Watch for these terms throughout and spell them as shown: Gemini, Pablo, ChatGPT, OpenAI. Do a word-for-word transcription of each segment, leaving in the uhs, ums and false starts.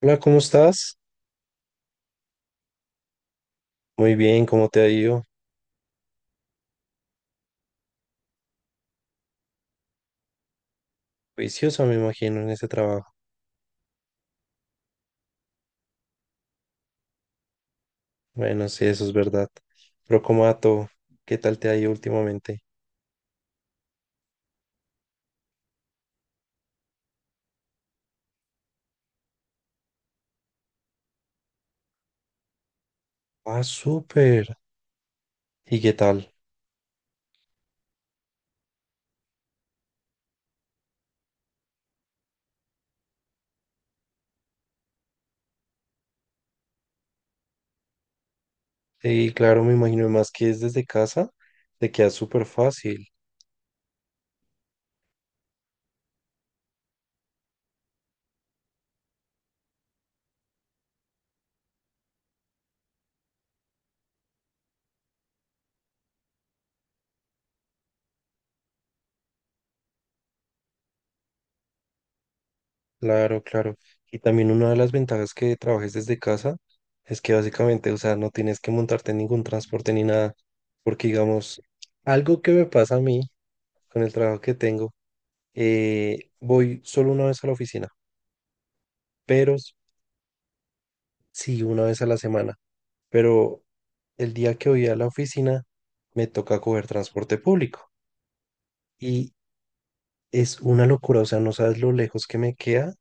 Hola, ¿cómo estás? Muy bien, ¿cómo te ha ido? Juiciosa, me imagino, en ese trabajo. Bueno, sí, eso es verdad. Pero como a todo, ¿qué tal te ha ido últimamente? Ah, súper. ¿Y qué tal? Sí, claro, me imagino, más que es desde casa, te queda súper fácil. Claro, claro. Y también una de las ventajas que trabajes desde casa es que básicamente, o sea, no tienes que montarte en ningún transporte ni nada. Porque, digamos, algo que me pasa a mí con el trabajo que tengo, eh, voy solo una vez a la oficina. pero s- sí, una vez a la semana. Pero el día que voy a la oficina me toca coger transporte público y es una locura, o sea, no sabes lo lejos que me queda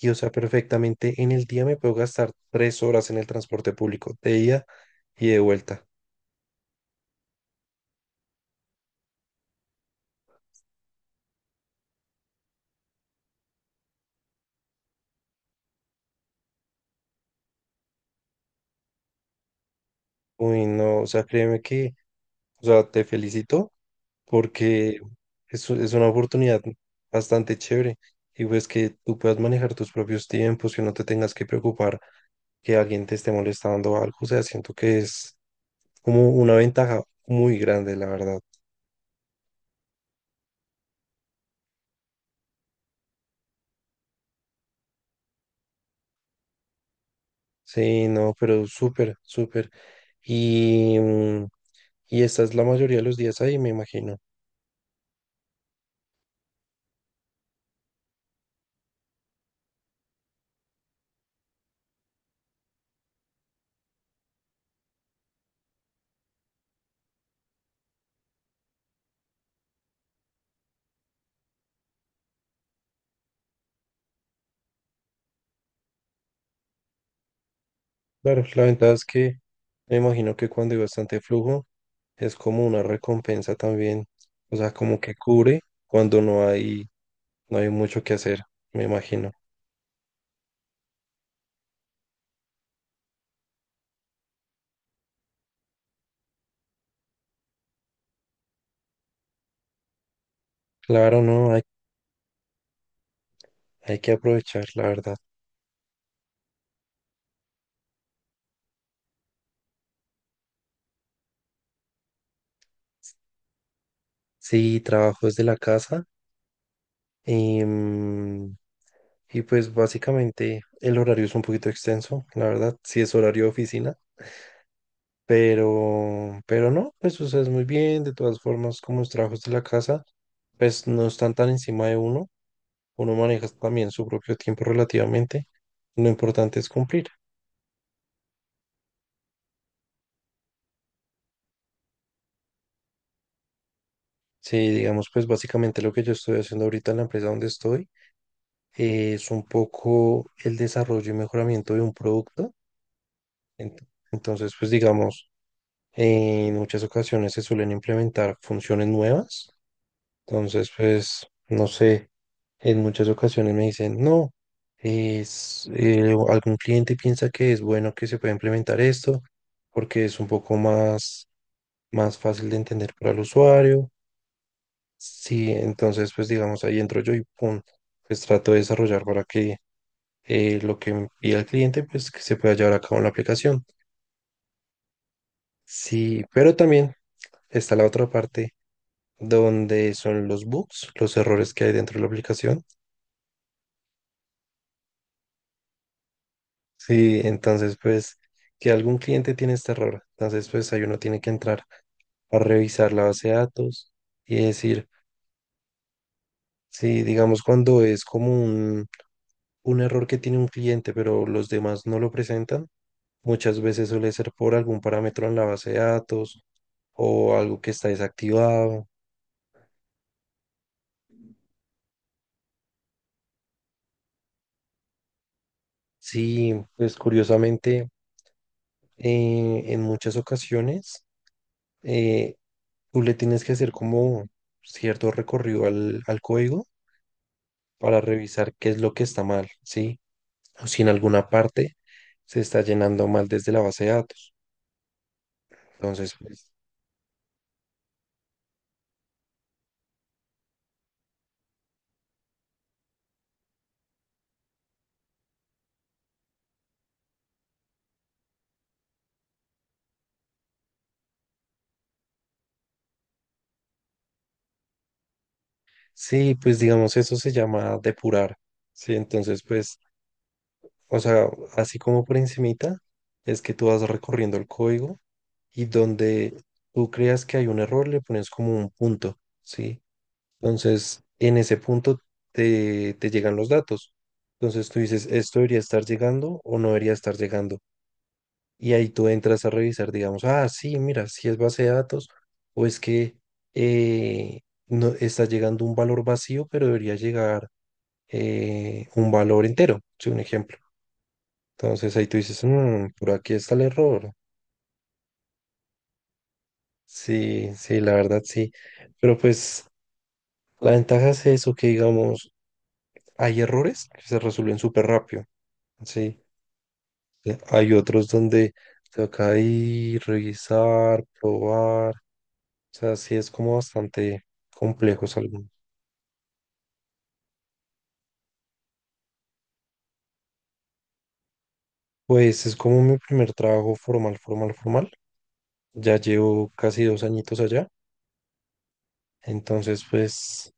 y, o sea, perfectamente en el día me puedo gastar tres horas en el transporte público, de ida y de vuelta. Uy, no, o sea, créeme que, o sea, te felicito porque es, u- es una oportunidad bastante chévere y pues que tú puedas manejar tus propios tiempos, que no te tengas que preocupar que alguien te esté molestando o algo. O sea, siento que es como una ventaja muy grande, la verdad. Sí, no, pero súper, súper. Y, mm, y esta es la mayoría de los días ahí, me imagino. Claro, la ventaja es que me imagino que cuando hay bastante flujo es como una recompensa también. O sea, como que cubre cuando no hay, no hay mucho que hacer, me imagino. Claro, no, hay, hay que aprovechar, la verdad. Sí, trabajo desde la casa y mm, y pues básicamente el horario es un poquito extenso, la verdad, si es horario de oficina, pero, pero no, pues o sea, es muy bien, de todas formas, como los trabajos de la casa, pues no están tan encima de uno, uno maneja también su propio tiempo relativamente, lo importante es cumplir. Sí, digamos, pues básicamente lo que yo estoy haciendo ahorita en la empresa donde estoy, eh, es un poco el desarrollo y mejoramiento de un producto. Ent- Entonces, pues digamos, en muchas ocasiones se suelen implementar funciones nuevas. Entonces, pues, no sé, en muchas ocasiones me dicen, no, es, eh, o algún cliente piensa que es bueno que se pueda implementar esto porque es un poco más, más fácil de entender para el usuario. Sí, entonces, pues, digamos, ahí entro yo y pum, pues trato de desarrollar para que eh, lo que me pida el cliente, pues, que se pueda llevar a cabo en la aplicación. Sí, pero también está la otra parte donde son los bugs, los errores que hay dentro de la aplicación. Sí, entonces pues que algún cliente tiene este error. Entonces pues ahí uno tiene que entrar a revisar la base de datos y decir, sí, digamos cuando es como un, un error que tiene un cliente pero los demás no lo presentan, muchas veces suele ser por algún parámetro en la base de datos o algo que está desactivado. Sí, pues curiosamente eh, en muchas ocasiones, eh, tú le tienes que hacer como cierto recorrido al al código para revisar qué es lo que está mal, ¿sí? O si en alguna parte se está llenando mal desde la base de datos. Entonces, pues, sí, pues digamos, eso se llama depurar, ¿sí? Entonces, pues, o sea, así como por encimita, es que tú vas recorriendo el código y donde tú creas que hay un error, le pones como un punto, ¿sí? Entonces, en ese punto te, te llegan los datos. Entonces tú dices, esto debería estar llegando o no debería estar llegando. Y ahí tú entras a revisar, digamos, ah, sí, mira, si es base de datos o es que eh, no, está llegando un valor vacío, pero debería llegar, eh, un valor entero, sí, un ejemplo. Entonces ahí tú dices, "Mm, por aquí está el error". Sí, sí, la verdad sí. Pero pues la ventaja es eso, que digamos, hay errores que se resuelven súper rápido, sí. Hay otros donde toca ir, revisar, probar. O sea, sí es como bastante complejo es algo. Pues es como mi primer trabajo formal, formal, formal. Ya llevo casi dos añitos allá. Entonces, pues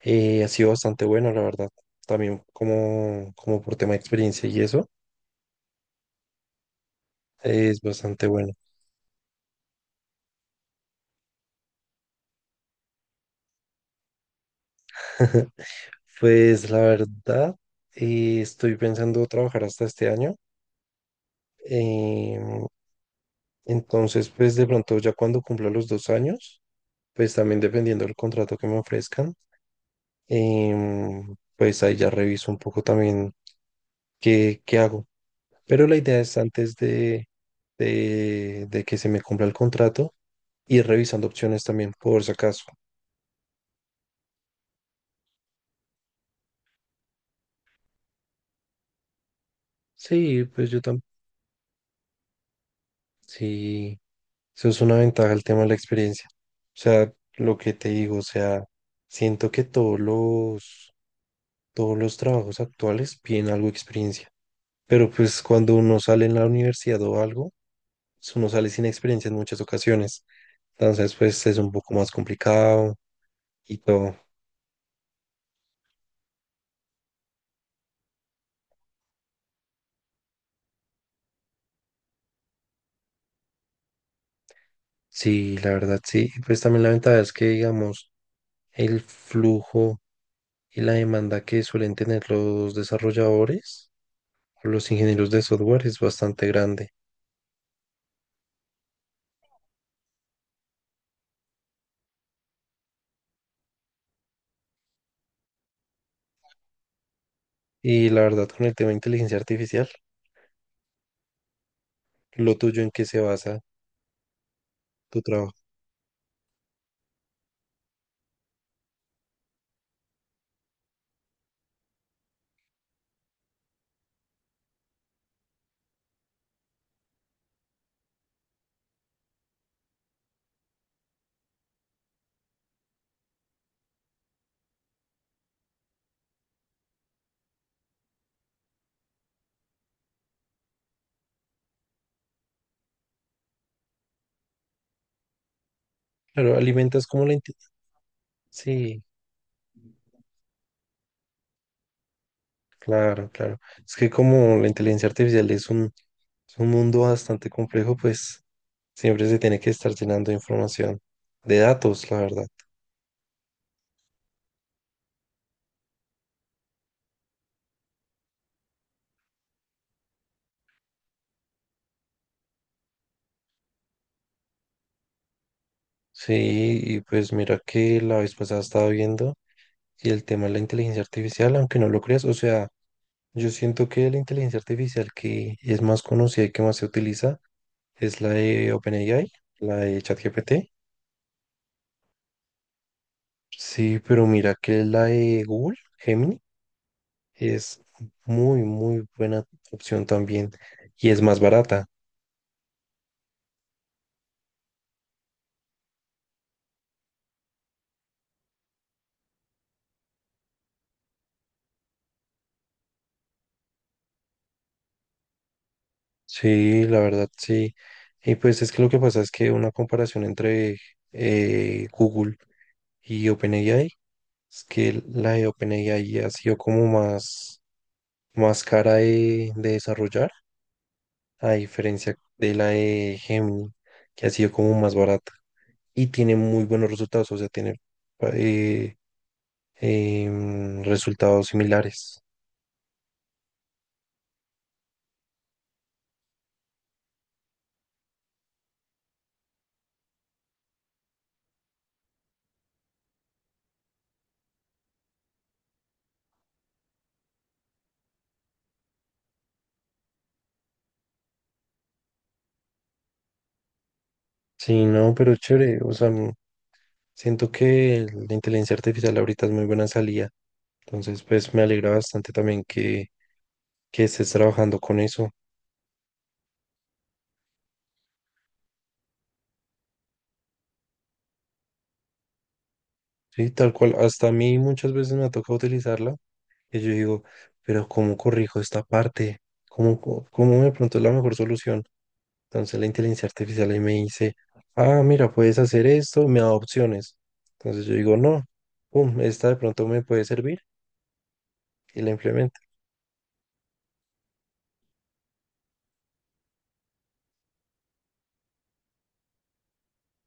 eh, ha sido bastante bueno, la verdad. También como, como por tema de experiencia y eso, eh, es bastante bueno. Pues la verdad, eh, estoy pensando trabajar hasta este año. Em, entonces, pues de pronto ya cuando cumpla los dos años, pues también dependiendo del contrato que me ofrezcan, em, pues ahí ya reviso un poco también qué, qué hago. Pero la idea es antes de, de, de que se me cumpla el contrato, ir revisando opciones también por si acaso. Sí, pues yo también. Sí, eso es una ventaja el tema de la experiencia. O sea, lo que te digo, o sea, siento que todos los, todos los trabajos actuales piden algo de experiencia. Pero pues cuando uno sale en la universidad o algo, uno sale sin experiencia en muchas ocasiones. Entonces, pues es un poco más complicado y todo. Sí, la verdad, sí. Pues también la ventaja es que, digamos, el flujo y la demanda que suelen tener los desarrolladores o los ingenieros de software es bastante grande. Y la verdad, con el tema de inteligencia artificial, lo tuyo en qué se basa tu trabajo. Claro, alimentas como la inteligencia. Sí, claro, claro. Es que como la inteligencia artificial es un, es un mundo bastante complejo, pues siempre se tiene que estar llenando de información, de datos, la verdad. Sí, y pues mira que la vez pasada estaba viendo y el tema de la inteligencia artificial, aunque no lo creas, o sea, yo siento que la inteligencia artificial que es más conocida y que más se utiliza es la de OpenAI, la de ChatGPT. Sí, pero mira que la de Google, Gemini, es muy, muy buena opción también y es más barata. Sí, la verdad, sí. Y pues es que lo que pasa es que una comparación entre eh, Google y OpenAI es que la de OpenAI ha sido como más, más cara de, de desarrollar, a diferencia de la de Gemini, que ha sido como más barata y tiene muy buenos resultados, o sea, tiene, eh, em, resultados similares. Sí, no, pero chévere, o sea, siento que la inteligencia artificial ahorita es muy buena salida. Entonces, pues me alegra bastante también que, que estés trabajando con eso. Sí, tal cual. Hasta a mí muchas veces me toca utilizarla y yo digo, pero ¿cómo corrijo esta parte? ¿Cómo, co- cómo de pronto es la mejor solución? Entonces la inteligencia artificial ahí me dice, ah, mira, puedes hacer esto, me da opciones. Entonces yo digo, no, pum, esta de pronto me puede servir y la implemento.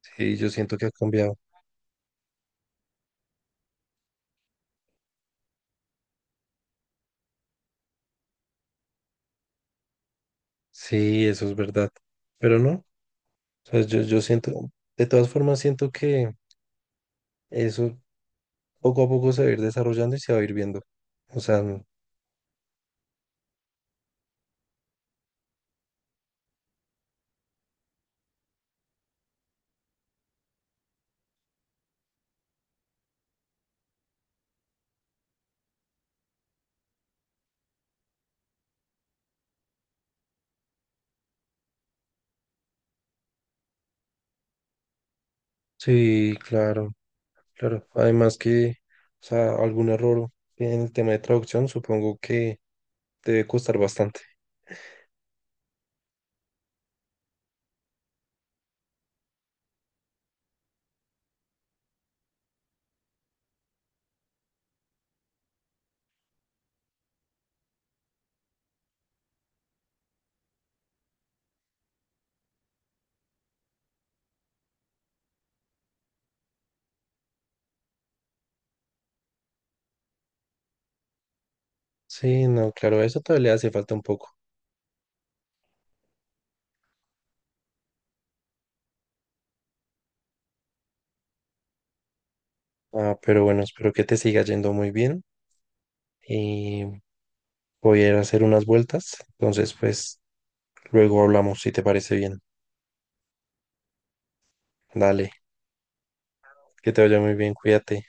Sí, yo siento que ha cambiado. Sí, eso es verdad. Pero no, o sea, yo, yo siento, de todas formas siento que... eso poco a poco se va a ir desarrollando y se va a ir viendo. O sea, n- sí, claro, claro. Además que, o sea, algún error en el tema de traducción supongo que debe costar bastante. Sí, no, claro, eso todavía le hace falta un poco. Ah, pero bueno, espero que te siga yendo muy bien y voy a ir a hacer unas vueltas. Entonces, pues, luego hablamos si te parece bien. Dale, que te vaya muy bien, cuídate.